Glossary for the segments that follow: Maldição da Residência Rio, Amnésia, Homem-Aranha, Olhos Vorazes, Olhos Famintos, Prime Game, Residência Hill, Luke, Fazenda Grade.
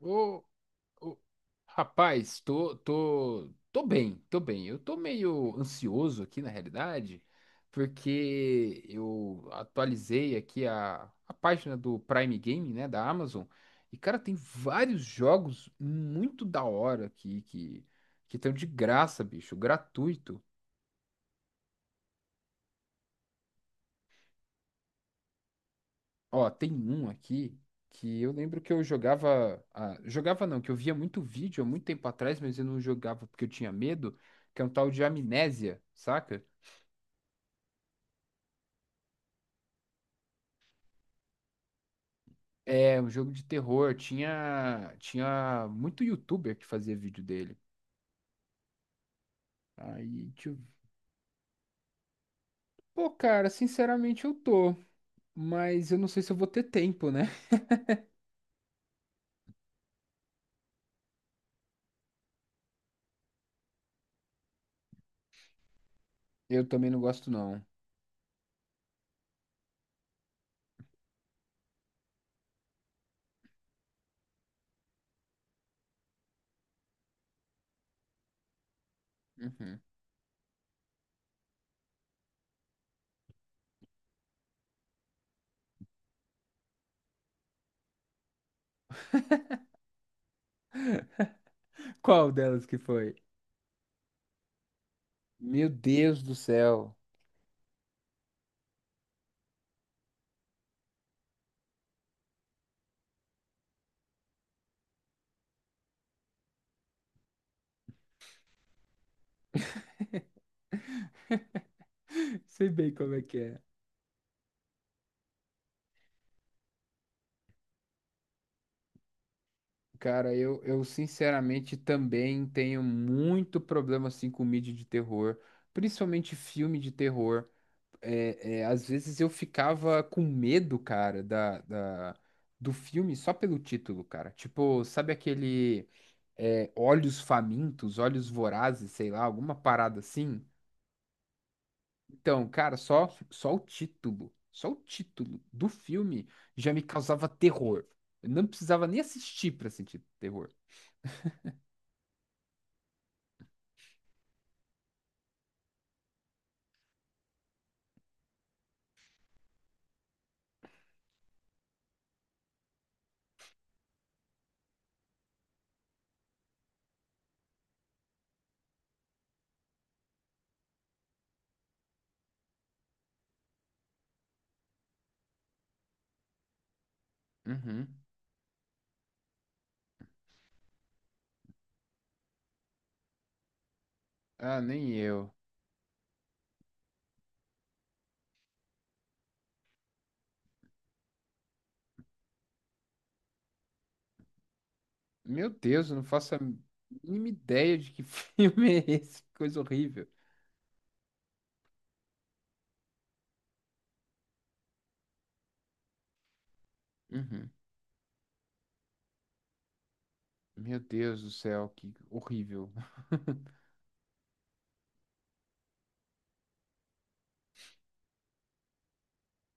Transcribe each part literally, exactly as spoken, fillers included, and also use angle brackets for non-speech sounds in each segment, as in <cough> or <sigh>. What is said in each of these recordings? Ô, ô, rapaz, tô, tô, tô bem, tô bem. Eu tô meio ansioso aqui, na realidade, porque eu atualizei aqui a, a página do Prime Game, né, da Amazon. E, cara, tem vários jogos muito da hora aqui que que estão de graça, bicho, gratuito. Ó, tem um aqui que eu lembro que eu jogava. Ah, jogava não, que eu via muito vídeo há muito tempo atrás, mas eu não jogava porque eu tinha medo, que é um tal de Amnésia, saca? É um jogo de terror. Tinha, tinha muito youtuber que fazia vídeo dele. Aí, tipo, pô, cara, sinceramente eu tô. Mas eu não sei se eu vou ter tempo, né? <laughs> Eu também não gosto, não. Uhum. Qual delas que foi? Meu Deus do céu. Sei bem como é que é. Cara, eu, eu sinceramente também tenho muito problema assim com mídia de terror, principalmente filme de terror. É, é, às vezes eu ficava com medo, cara, da, da- do filme só pelo título, cara. Tipo, sabe aquele é, Olhos Famintos, Olhos Vorazes, sei lá, alguma parada assim? Então, cara, só, só o título, só o título do filme já me causava terror. Eu não precisava nem assistir pra sentir terror. Uhum. Ah, nem eu. Meu Deus, eu não faço a mínima ideia de que <laughs> filme é esse. Que coisa horrível. Uhum. Meu Deus do céu, que horrível. <laughs>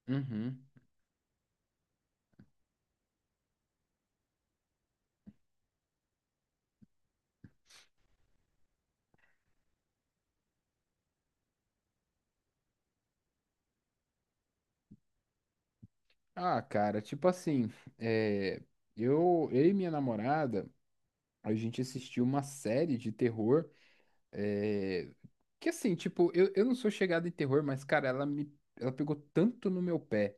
Uhum. Ah, cara, tipo assim, é, eu, eu e minha namorada, a gente assistiu uma série de terror, é, que assim, tipo, eu, eu não sou chegado em terror, mas, cara, ela me, ela pegou tanto no meu pé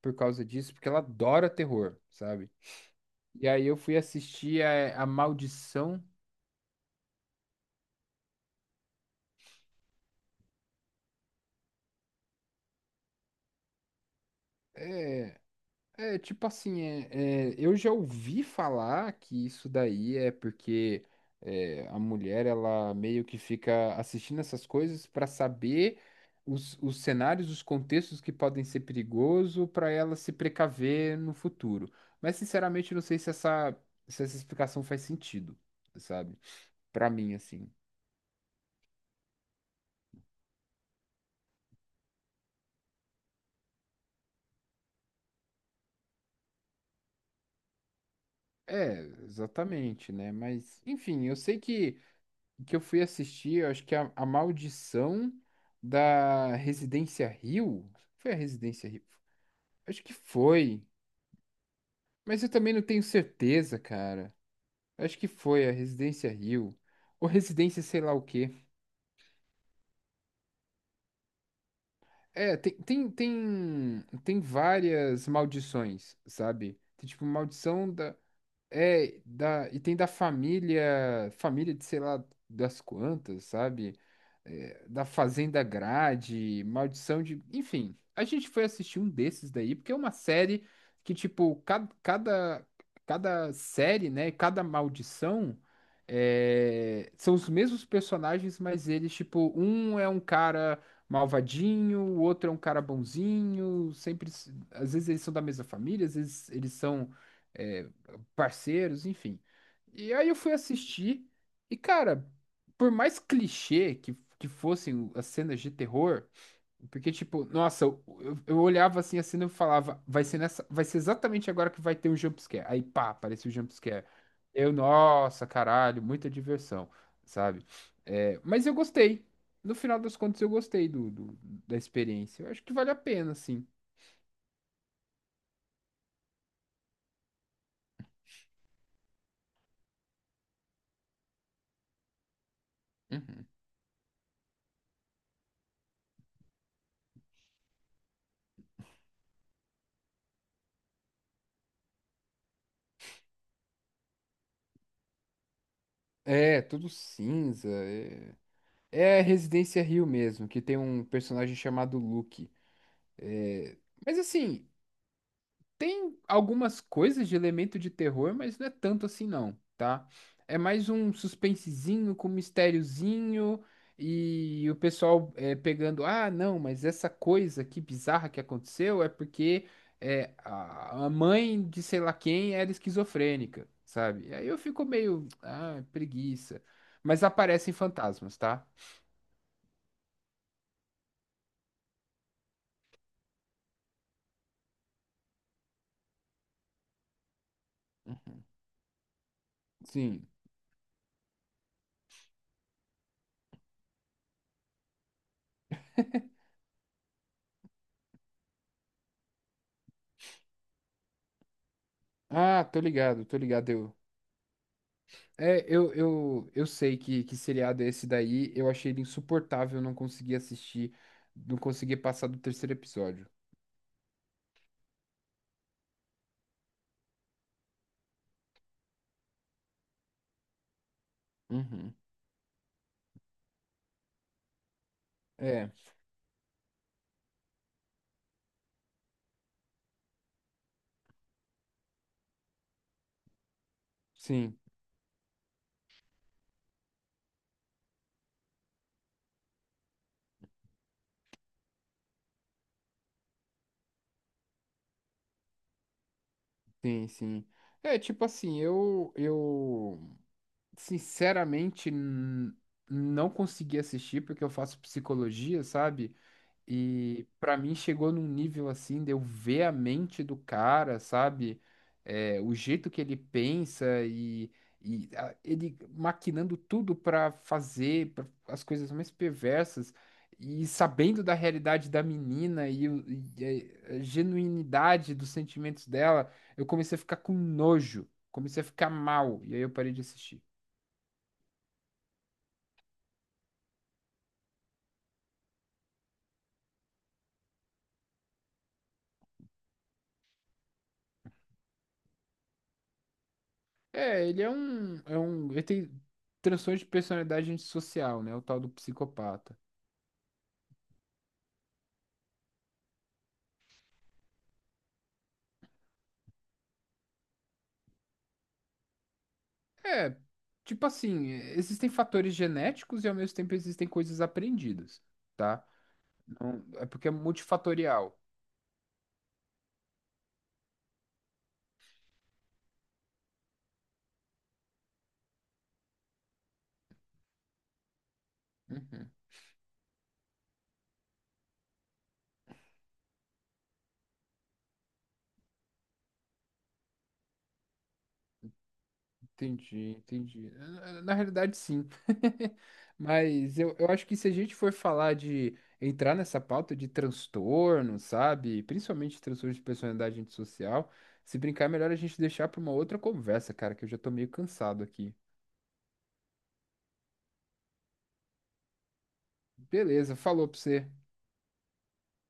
por causa disso, porque ela adora terror, sabe? E aí eu fui assistir a, a Maldição. É, é tipo assim, é, é, eu já ouvi falar que isso daí é porque é, a mulher ela meio que fica assistindo essas coisas para saber os, os cenários, os contextos que podem ser perigoso para ela se precaver no futuro. Mas sinceramente, eu não sei se essa, se essa explicação faz sentido, sabe? Para mim, assim. É, exatamente, né? Mas, enfim, eu sei que. Que eu fui assistir, eu acho que a, a Maldição da Residência Rio. Foi a Residência Rio? Acho que foi. Mas eu também não tenho certeza, cara. Acho que foi a Residência Rio. Ou Residência sei lá o quê. É, tem, tem, tem, tem várias maldições, sabe? Tem tipo maldição da. É, da, e tem da família, família de sei lá das quantas, sabe? É, da Fazenda Grade, Maldição de. Enfim, a gente foi assistir um desses daí, porque é uma série que, tipo, cada, cada, cada série, né? Cada maldição é, são os mesmos personagens, mas eles, tipo, um é um cara malvadinho, o outro é um cara bonzinho, sempre. s- Às vezes eles são da mesma família, às vezes eles são. é, Parceiros, enfim. E aí eu fui assistir, e cara, por mais clichê que, que fossem as cenas de terror, porque tipo, nossa, eu, eu- eu olhava assim a cena e falava, vai ser nessa, vai ser exatamente agora que vai ter um jump scare. Aí pá, apareceu o jump scare. Eu, nossa, caralho, muita diversão, sabe? É, mas eu gostei. No final das contas, eu gostei do, do- da experiência. Eu acho que vale a pena, sim. Uhum. É, tudo cinza. É. É Residência Hill mesmo, que tem um personagem chamado Luke. É. Mas assim, tem algumas coisas de elemento de terror, mas não é tanto assim não, tá? É mais um suspensezinho com mistériozinho e o pessoal é, pegando, ah, não, mas essa coisa que bizarra que aconteceu é porque é, a a mãe de sei lá quem era esquizofrênica, sabe? Aí eu fico meio, ah, preguiça. Mas aparecem fantasmas, tá? Sim. Ah, tô ligado, tô ligado. Eu, é, eu, eu, eu sei que, que seriado é esse daí. Eu achei ele insuportável, eu não consegui assistir, não consegui passar do terceiro episódio. Uhum. É, sim, sim, sim. É, tipo assim, eu, eu sinceramente n- não consegui assistir porque eu faço psicologia, sabe? E pra mim chegou num nível assim de eu ver a mente do cara, sabe? É, o jeito que ele pensa e, e a- ele maquinando tudo pra fazer pra- as coisas mais perversas e sabendo da realidade da menina e, o- e a a genuinidade dos sentimentos dela, eu comecei a ficar com nojo, comecei a ficar mal e aí eu parei de assistir. É, ele é um, é um, ele tem transtorno de personalidade antissocial, né? O tal do psicopata. Tipo assim, existem fatores genéticos e ao mesmo tempo existem coisas aprendidas, tá? Não, é porque é multifatorial. Uhum, entendi, entendi. Na na realidade, sim. <laughs> Mas eu, eu acho que se a gente for falar de entrar nessa pauta de transtorno, sabe? Principalmente transtorno de personalidade antissocial, se brincar, é melhor a gente deixar para uma outra conversa, cara, que eu já tô meio cansado aqui. Beleza, falou pra você.